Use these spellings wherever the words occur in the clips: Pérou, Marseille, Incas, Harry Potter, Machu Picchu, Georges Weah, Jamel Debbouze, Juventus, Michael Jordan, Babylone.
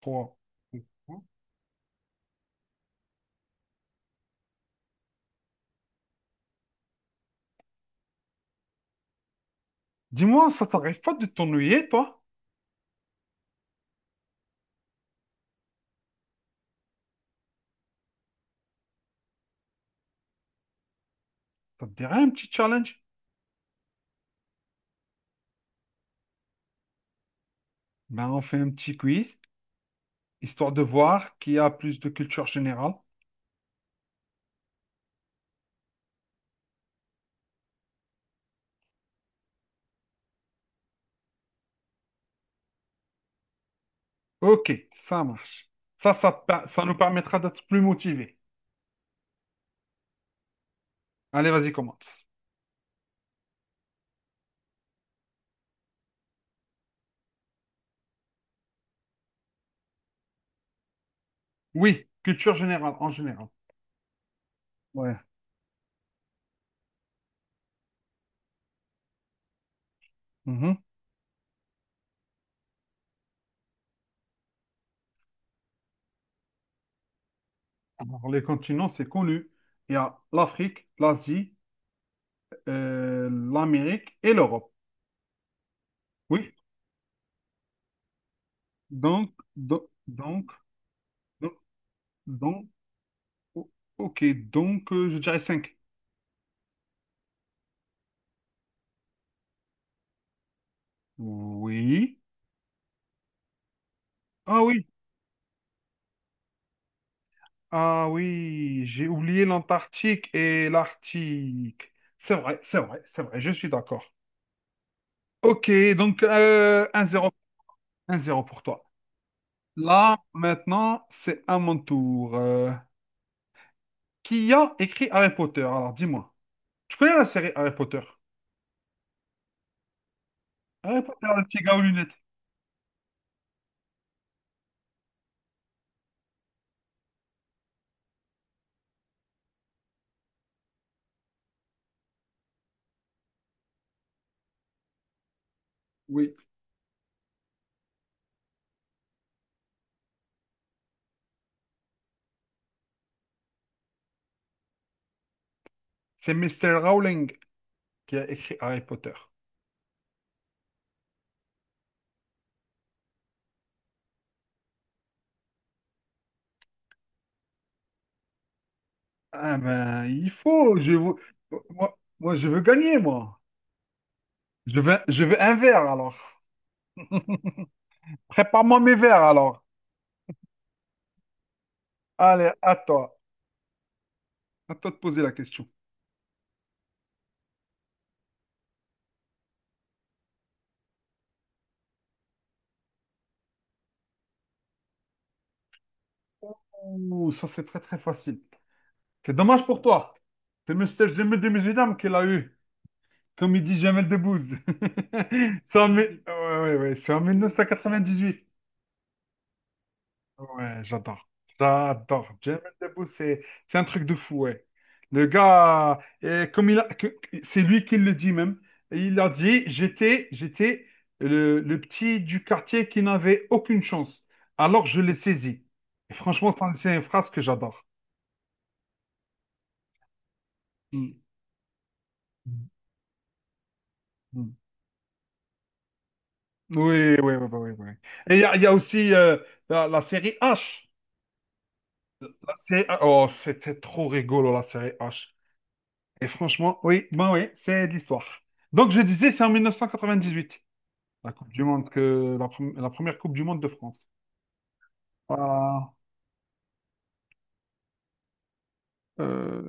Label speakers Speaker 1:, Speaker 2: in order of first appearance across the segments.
Speaker 1: Trois. Dis-moi, ça t'arrive pas de t'ennuyer, toi? Ça te dirait un petit challenge? Ben, on fait un petit quiz, histoire de voir qui a plus de culture générale. Ok, ça marche. Ça nous permettra d'être plus motivés. Allez, vas-y, commence. Oui, culture générale, en général. Ouais. Mhm. Alors, les continents, c'est connu. Il y a l'Afrique, l'Asie, l'Amérique et l'Europe. Oui, donc, donc, donc, donc, O- Ok, donc je dirais 5. Oui. Ah oui. Ah oui, j'ai oublié l'Antarctique et l'Arctique. C'est vrai, c'est vrai, c'est vrai, je suis d'accord. Ok, donc 1-0, 1-0 pour toi. Là, maintenant, c'est à mon tour. Qui a écrit Harry Potter? Alors, dis-moi. Tu connais la série Harry Potter? Harry Potter, le petit gars aux lunettes. Oui. C'est Mister Rowling qui a écrit Harry Potter. Ah ben, il faut. Je veux, moi, je veux gagner, moi. Je veux un verre, alors. Prépare-moi mes verres, alors. Allez, à toi. À toi de poser la question. Ouh, ça, c'est très, très facile. C'est dommage pour toi. C'est le message de mes musulmans qu'il a eu. Comme il dit Jamel Debbouze. C'est en, ouais, ouais, ouais, c'est en 1998. Ouais, j'adore. J'adore. Jamel Debbouze, c'est un truc de fou, ouais. Le gars, comme il a, c'est lui qui le dit même. Et il a dit, j'étais le petit du quartier qui n'avait aucune chance. Alors je l'ai saisi. Et franchement, ça, c'est une phrase que j'adore. Mm. Mm. Oui, oui, oui, oui, oui. Et il y a aussi la série H. Oh, c'était trop rigolo, la série H. Et franchement, oui, ben oui, c'est de l'histoire. Donc je disais, c'est en 1998, la Coupe du Monde, la première Coupe du Monde de France. Ah, euh,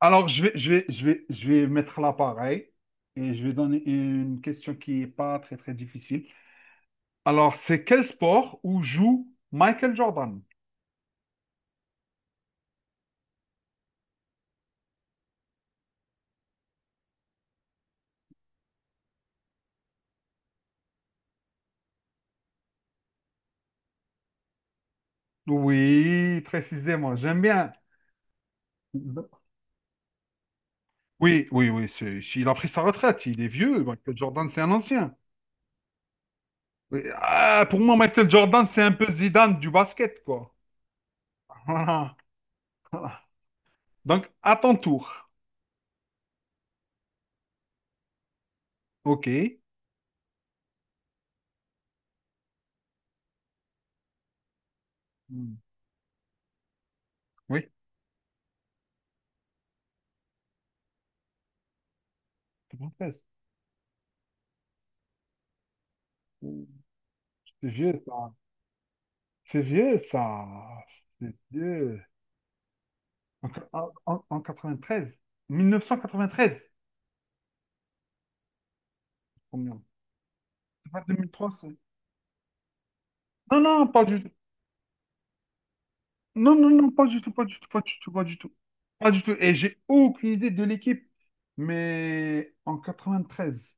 Speaker 1: alors je vais mettre là pareil et je vais donner une question qui n'est pas très très difficile. Alors c'est quel sport où joue Michael Jordan? Oui, précisément, j'aime bien. Oui, oui, oui, il a pris sa retraite, il est vieux, Michael Jordan c'est un ancien. Oui, ah, pour moi, Michael Jordan, c'est un peu Zidane du basket, quoi. Voilà. Voilà. Donc, à ton tour. OK. Hmm. Oui. C'est bon, c'est- c'est vieux, ça. C'est vieux, ça. C'est vieux. En 93. 1993. Combien? C'est pas 2003, c'est- Non, non, pas du tout. Non, non, non, pas du tout, pas du tout, pas du tout, pas du tout. Pas du tout. Et j'ai aucune idée de l'équipe. Mais en 93,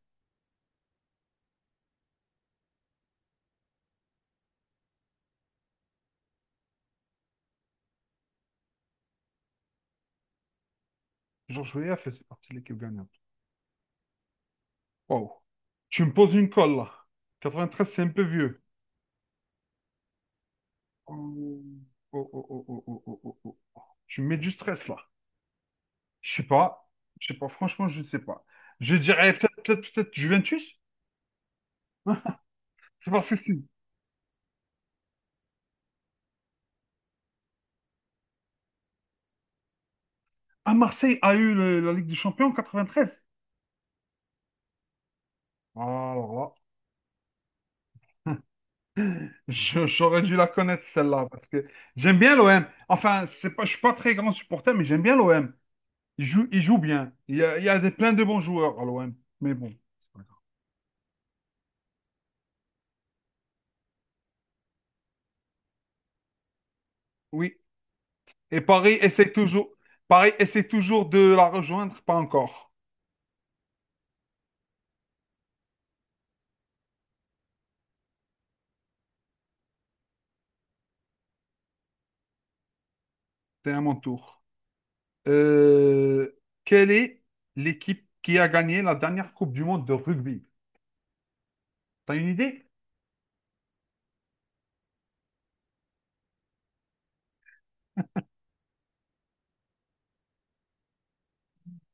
Speaker 1: Georges Weah faisait partie de l'équipe gagnante. Wow. Tu me poses une colle là. 93, c'est un peu vieux. Oh, oh, oh, oh, oh, oh, oh, oh, oh, oh. Tu me mets du stress là. Je sais pas. Je sais pas. Franchement, je sais pas. Je dirais peut-être Juventus. C'est parce que si. Ah, Marseille a eu la Ligue des Champions en 93. Alors là. J'aurais dû la connaître celle-là parce que j'aime bien l'OM. Enfin, c'est pas, je suis pas très grand supporter, mais j'aime bien l'OM. Il joue bien. Il y a des, plein de bons joueurs à l'OM. Mais bon, oui, et Paris essaie toujours de la rejoindre, pas encore. C'est à mon tour. Euh, quelle est l'équipe qui a gagné la dernière Coupe du Monde de rugby? T'as une idée?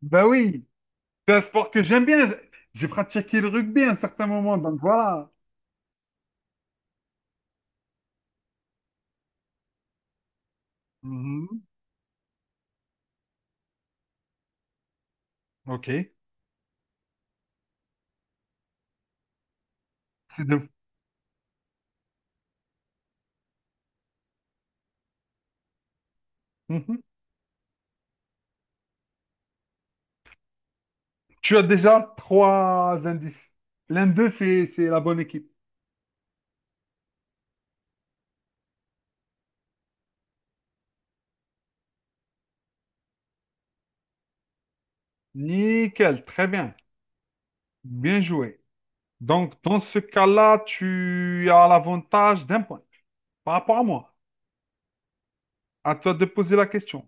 Speaker 1: Bah oui. C'est un sport que j'aime bien. J'ai pratiqué le rugby à un certain moment, donc voilà. Mhm. Ok. C'est deux. Mhm. Tu as déjà trois indices. L'un d'eux, c'est la bonne équipe. Nickel, très bien. Bien joué. Donc, dans ce cas-là, tu as l'avantage d'un point par rapport à moi. À toi de poser la question.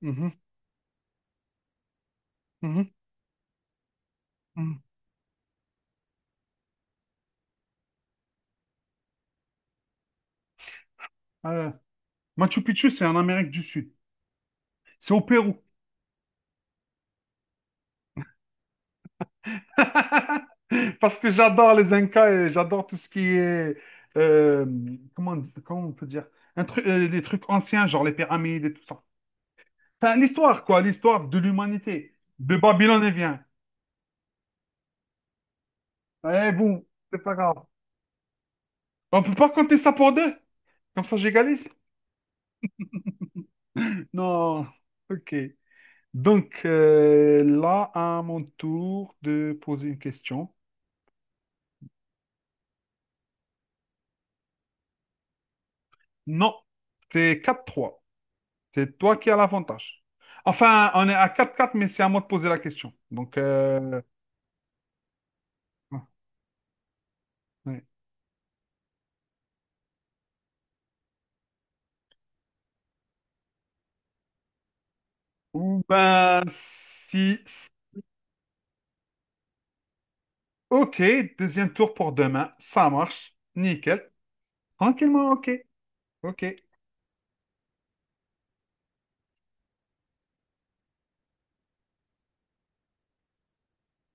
Speaker 1: Mhm, mhm, mhm. Euh, Machu Picchu, c'est en Amérique du Sud. C'est au Pérou. Parce que j'adore les Incas et j'adore tout ce qui est... euh, comment, comment on peut dire? Un truc, les trucs anciens, genre les pyramides et tout ça. Enfin, l'histoire, quoi. L'histoire de l'humanité. De Babylone et vient. Eh bon, c'est pas grave. On peut pas compter ça pour deux. Comme ça, j'égalise. Non, ok. Donc là, à mon tour de poser une question. Non, c'est 4-3. C'est toi qui as l'avantage. Enfin, on est à 4-4, mais c'est à moi de poser la question. Donc, ouais. Ou ben, si... Ok, deuxième tour pour demain. Ça marche. Nickel. Tranquillement, ok. Ok.